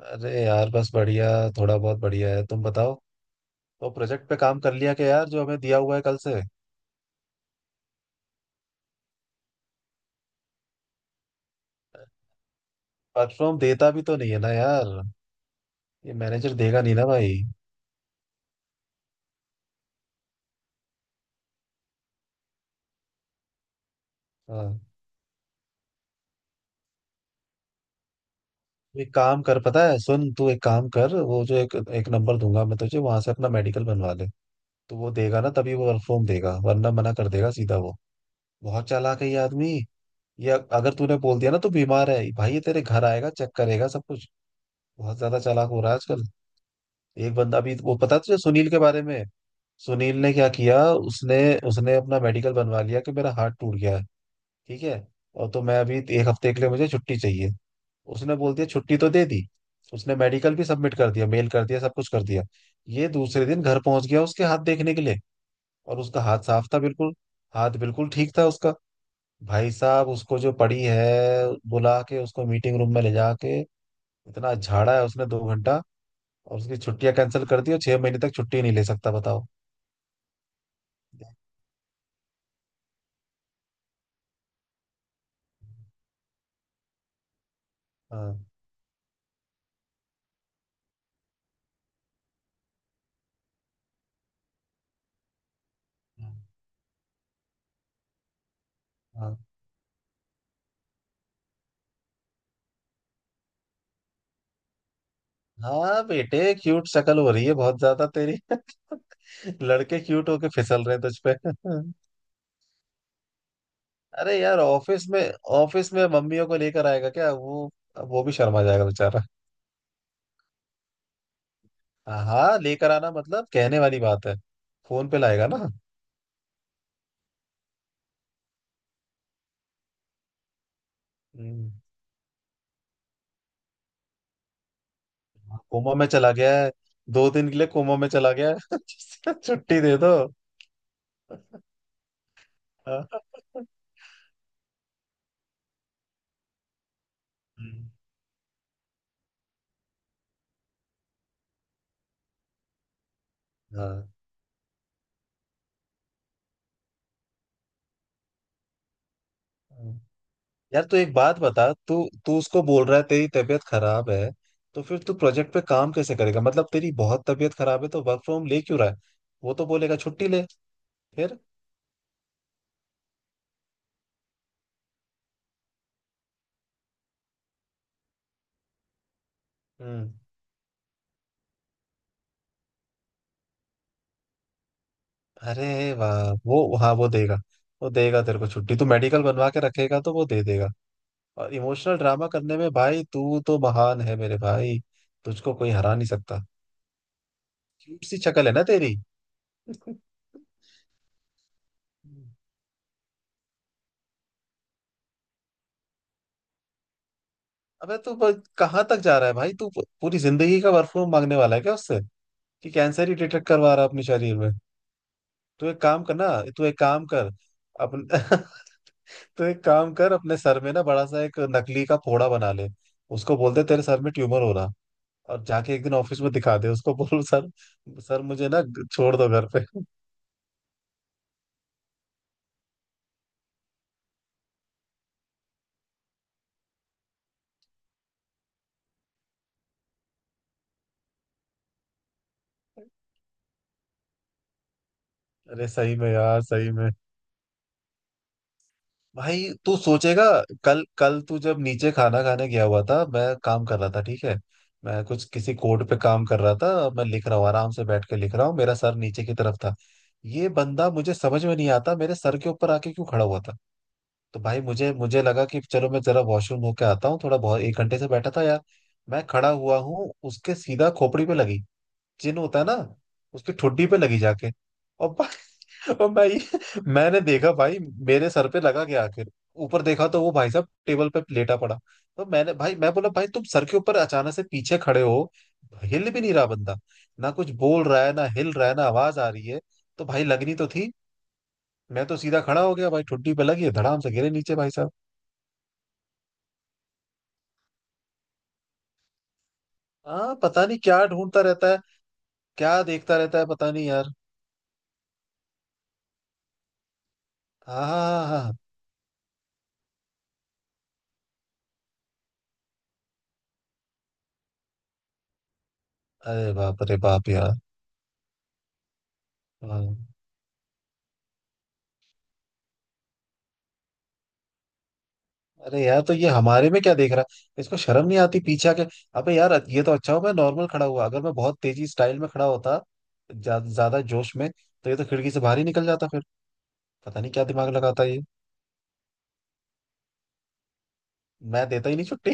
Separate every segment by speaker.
Speaker 1: अरे यार, बस बढ़िया। थोड़ा बहुत बढ़िया है, तुम बताओ। तो प्रोजेक्ट पे काम कर लिया क्या यार, जो हमें दिया हुआ है कल से। परफॉर्म देता भी तो नहीं है ना यार। ये मैनेजर देगा नहीं ना भाई। हाँ, तू एक काम कर पता है, सुन, तू एक काम कर। वो जो एक एक नंबर दूंगा मैं तुझे, वहां से अपना मेडिकल बनवा ले। तो वो देगा ना, तभी वो परफॉर्म देगा, वरना मना कर देगा सीधा वो। बहुत चालाक है ये आदमी। ये अगर तूने बोल दिया ना तू बीमार है भाई, ये तेरे घर आएगा, चेक करेगा सब कुछ। बहुत ज्यादा चालाक हो रहा है आजकल। एक बंदा अभी, वो पता है तुझे, सुनील के बारे में। सुनील ने क्या किया? उसने उसने अपना मेडिकल बनवा लिया कि मेरा हाथ टूट गया है, ठीक है, और तो मैं अभी एक हफ्ते के लिए, मुझे छुट्टी चाहिए। उसने बोल दिया, छुट्टी तो दे दी। उसने मेडिकल भी सबमिट कर दिया, मेल कर दिया, सब कुछ कर दिया। ये दूसरे दिन घर पहुंच गया उसके हाथ देखने के लिए। और उसका हाथ साफ था बिल्कुल। हाथ बिल्कुल ठीक था उसका। भाई साहब उसको जो पड़ी है, बुला के उसको मीटिंग रूम में ले जाके इतना झाड़ा है उसने, 2 घंटा। और उसकी छुट्टियां कैंसिल कर दी, और 6 महीने तक छुट्टी नहीं ले सकता, बताओ। हाँ। हाँ। हाँ हाँ बेटे, क्यूट शक्ल हो रही है बहुत ज्यादा तेरी। लड़के क्यूट होके फिसल रहे हैं तुझ पे। अरे यार, ऑफिस में मम्मियों को लेकर आएगा क्या वो? वो भी शर्मा जाएगा बेचारा। हाँ हाँ, लेकर आना मतलब कहने वाली बात है। फोन पे लाएगा ना। हम्म, कोमा में चला गया है। 2 दिन के लिए कोमा में चला गया है छुट्टी दे दो। हाँ। हाँ। यार तू एक बात बता। तू तू उसको बोल रहा है तेरी तबीयत खराब है, तो फिर तू प्रोजेक्ट पे काम कैसे करेगा? मतलब तेरी बहुत तबीयत खराब है तो वर्क फ्रॉम ले क्यों रहा है? वो तो बोलेगा छुट्टी ले फिर। हम्म अरे वाह, वो, हाँ, वो देगा। वो देगा तेरे को छुट्टी, तू मेडिकल बनवा के रखेगा तो वो दे देगा। और इमोशनल ड्रामा करने में भाई तू तो महान है मेरे भाई। तुझको कोई हरा नहीं सकता। क्यूट सी शक्ल है ना तेरी। अबे कहाँ तक जा रहा है भाई, तू पूरी जिंदगी का वर्क फ्रॉम मांगने वाला है क्या उससे? कि कैंसर ही डिटेक्ट करवा रहा है अपने शरीर में? तू एक काम कर ना तू एक काम कर। अपन तो एक काम कर, अपने सर में ना बड़ा सा एक नकली का फोड़ा बना ले। उसको बोल दे तेरे सर में ट्यूमर हो रहा। और जाके एक दिन ऑफिस में दिखा दे, उसको बोल सर, सर मुझे ना छोड़ दो घर पे। अरे सही में यार, सही में। भाई तू सोचेगा, कल कल तू जब नीचे खाना खाने गया हुआ था मैं काम कर रहा था, ठीक है, मैं कुछ किसी कोड पे काम कर रहा था। मैं लिख रहा हूँ, आराम से बैठ के लिख रहा हूँ, मेरा सर नीचे की तरफ था। ये बंदा, मुझे समझ में नहीं आता, मेरे सर के ऊपर आके क्यों खड़ा हुआ था। तो भाई मुझे मुझे लगा कि चलो मैं जरा वॉशरूम होके आता हूँ, थोड़ा बहुत एक घंटे से बैठा था यार। मैं खड़ा हुआ हूँ, उसके सीधा खोपड़ी पे लगी। चिन्ह होता है ना, उसकी ठुड्डी पे लगी जाके। और भाई, मैंने देखा भाई, मेरे सर पे लगा गया आखिर। ऊपर देखा तो वो भाई साहब टेबल पे लेटा पड़ा। तो मैंने भाई, मैं बोला भाई तुम सर के ऊपर अचानक से पीछे खड़े हो। हिल भी नहीं रहा बंदा, ना कुछ बोल रहा है, ना हिल रहा है, ना आवाज आ रही है। तो भाई लगनी तो थी। मैं तो सीधा खड़ा हो गया भाई, ठुड्डी पे लगी है, धड़ाम से गिरे नीचे भाई साहब। हाँ, पता नहीं क्या ढूंढता रहता है। क्या देखता रहता है, पता नहीं यार। हाँ हाँ हाँ हाँ। हाँ। अरे बाप रे बाप यार। हाँ। अरे यार, तो ये हमारे में क्या देख रहा है, इसको शर्म नहीं आती पीछे आके? अबे यार ये तो अच्छा हो मैं नॉर्मल खड़ा हुआ, अगर मैं बहुत तेजी स्टाइल में खड़ा होता, ज्यादा जोश में, तो ये तो खिड़की से बाहर ही निकल जाता फिर। पता नहीं क्या दिमाग लगाता है ये। मैं देता ही नहीं छुट्टी।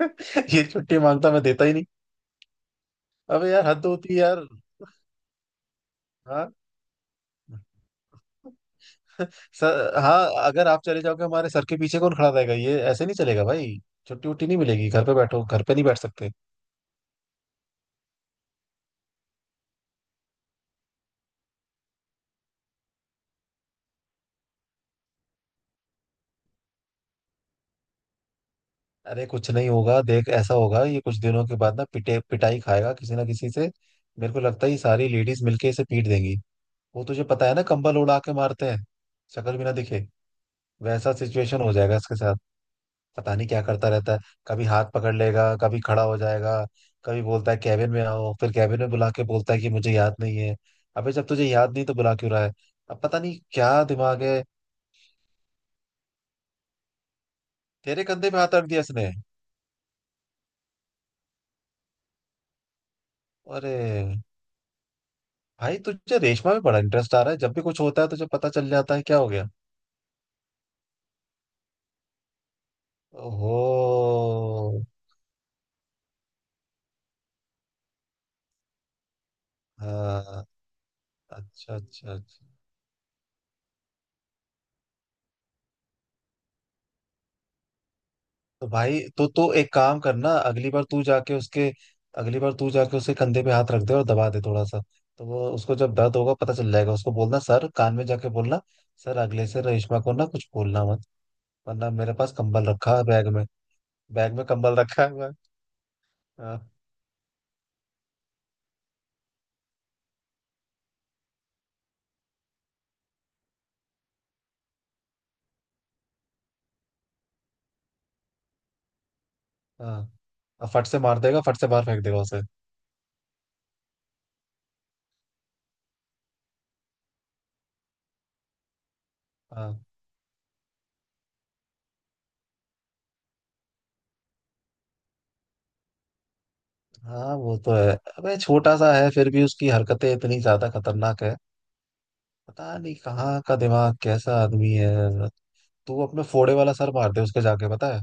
Speaker 1: ये छुट्टी मांगता, मैं देता ही नहीं। अबे यार, हद होती है यार। हाँ। सर, हाँ, अगर आप चले जाओगे हमारे सर के पीछे कौन खड़ा रहेगा? ये ऐसे नहीं चलेगा भाई। छुट्टी उट्टी नहीं मिलेगी, घर पे बैठो, घर पे नहीं बैठ सकते। अरे कुछ नहीं होगा, देख, ऐसा होगा ये कुछ दिनों के बाद ना, पिटे पिटाई खाएगा किसी ना किसी से। मेरे को लगता है ये सारी लेडीज मिलके इसे पीट देंगी। वो तुझे पता है ना, कंबल उड़ा के मारते हैं, शक्ल भी ना दिखे, वैसा सिचुएशन हो जाएगा इसके साथ। पता नहीं क्या करता रहता है। कभी हाथ पकड़ लेगा, कभी खड़ा हो जाएगा, कभी बोलता है कैबिन में आओ, फिर कैबिन में बुला के बोलता है कि मुझे याद नहीं है। अबे जब तुझे याद नहीं तो बुला क्यों रहा है? अब पता नहीं क्या दिमाग है। तेरे कंधे पे हाथ रख दिया इसने? अरे भाई, तुझे रेशमा में बड़ा इंटरेस्ट आ रहा है, जब भी कुछ होता है तुझे पता चल जाता है, क्या हो गया? ओहो। हाँ, अच्छा अच्छा अच्छा। तो भाई तो एक काम करना, अगली बार तू जाके उसके कंधे पे हाथ रख दे, और दबा दे थोड़ा सा। तो वो, उसको जब दर्द होगा पता चल जाएगा, उसको बोलना सर, कान में जाके बोलना सर, अगले से रेशमा को ना कुछ बोलना मत, वरना मेरे पास कंबल रखा है बैग में। बैग में कंबल रखा हुआ है। हाँ। हाँ, और फट से मार देगा, फट से बाहर फेंक देगा उसे। हाँ। हाँ वो तो है। अबे छोटा सा है फिर भी उसकी हरकतें इतनी ज्यादा खतरनाक है। पता नहीं कहाँ का दिमाग, कैसा आदमी है। तू अपने फोड़े वाला सर मार दे उसके, जाके, पता है।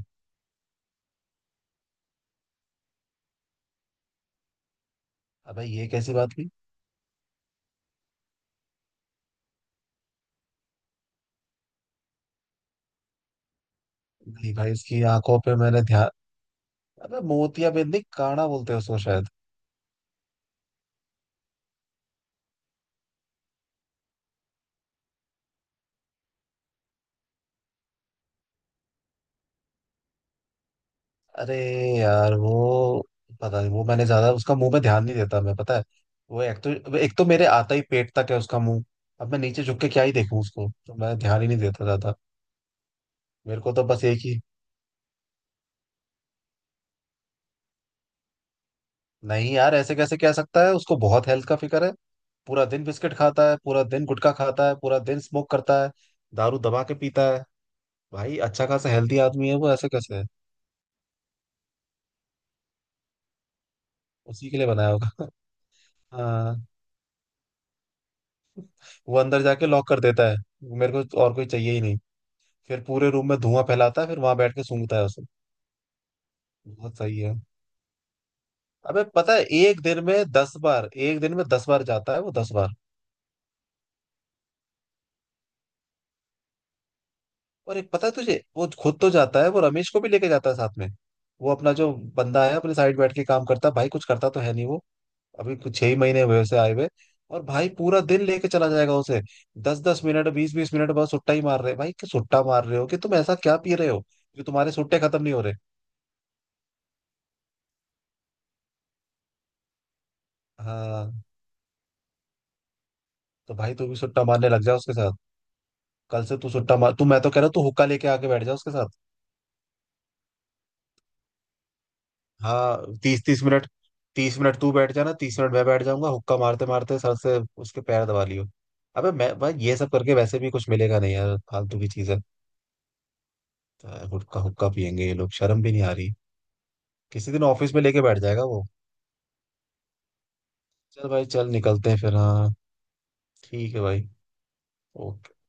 Speaker 1: अबे ये कैसी बात हुई? नहीं भाई, इसकी आंखों पे मैंने ध्यान। अबे मोतिया बिंद नहीं, काना बोलते हैं उसको शायद। अरे यार वो पता नहीं, वो मैंने ज्यादा उसका मुंह पे ध्यान नहीं देता मैं, पता है। वो एक तो मेरे आता ही पेट तक है उसका मुंह। अब मैं नीचे झुक के क्या ही देखूं उसको, तो मैं ध्यान ही नहीं देता ज्यादा। मेरे को तो बस एक ही। नहीं यार, ऐसे कैसे कह सकता है उसको बहुत हेल्थ का फिक्र है? पूरा दिन बिस्किट खाता है, पूरा दिन गुटखा खाता है, पूरा दिन स्मोक करता है, दारू दबा के पीता है। भाई अच्छा खासा हेल्दी आदमी है वो, ऐसे कैसे है? उसी के लिए बनाया होगा। हाँ, वो अंदर जाके लॉक कर देता है। मेरे को तो और कोई चाहिए ही नहीं। फिर पूरे रूम में धुआं फैलाता है, फिर वहां बैठ के सूंघता है उसे। बहुत सही है। अबे पता है, एक दिन में 10 बार, एक दिन में दस बार जाता है वो, 10 बार। और एक पता है तुझे, वो खुद तो जाता है, वो रमेश को भी लेके जाता है साथ में। वो अपना जो बंदा है, अपने साइड बैठ के काम करता है, भाई कुछ करता तो है नहीं वो। अभी कुछ 6 ही महीने हुए उसे आए हुए। और भाई पूरा दिन लेके चला जाएगा उसे। 10-10 मिनट, 20-20 मिनट बाद सुट्टा ही मार रहे, भाई कि सुट्टा मार रहे हो कि तुम ऐसा क्या पी रहे हो, जो तुम्हारे सुट्टे खत्म नहीं हो रहे। हाँ, तो भाई तू भी सुट्टा मारने लग जा उसके साथ। कल से तू सुट्टा मार तू, मैं तो कह रहा हूँ तू हुक्का लेके आके बैठ जा उसके साथ। हाँ, 30-30 मिनट। 30 मिनट तू बैठ जाना, 30 मिनट मैं बैठ जाऊंगा, हुक्का मारते मारते। सर से उसके पैर दबा लियो। अबे मैं भाई, ये सब करके वैसे भी कुछ मिलेगा नहीं यार, फालतू की चीज है। तो हुक्का हुक्का पियेंगे ये लोग, शर्म भी नहीं आ रही। किसी दिन ऑफिस में लेके बैठ जाएगा वो। चल भाई, चल निकलते हैं फिर। हाँ, ठीक है भाई। ओके।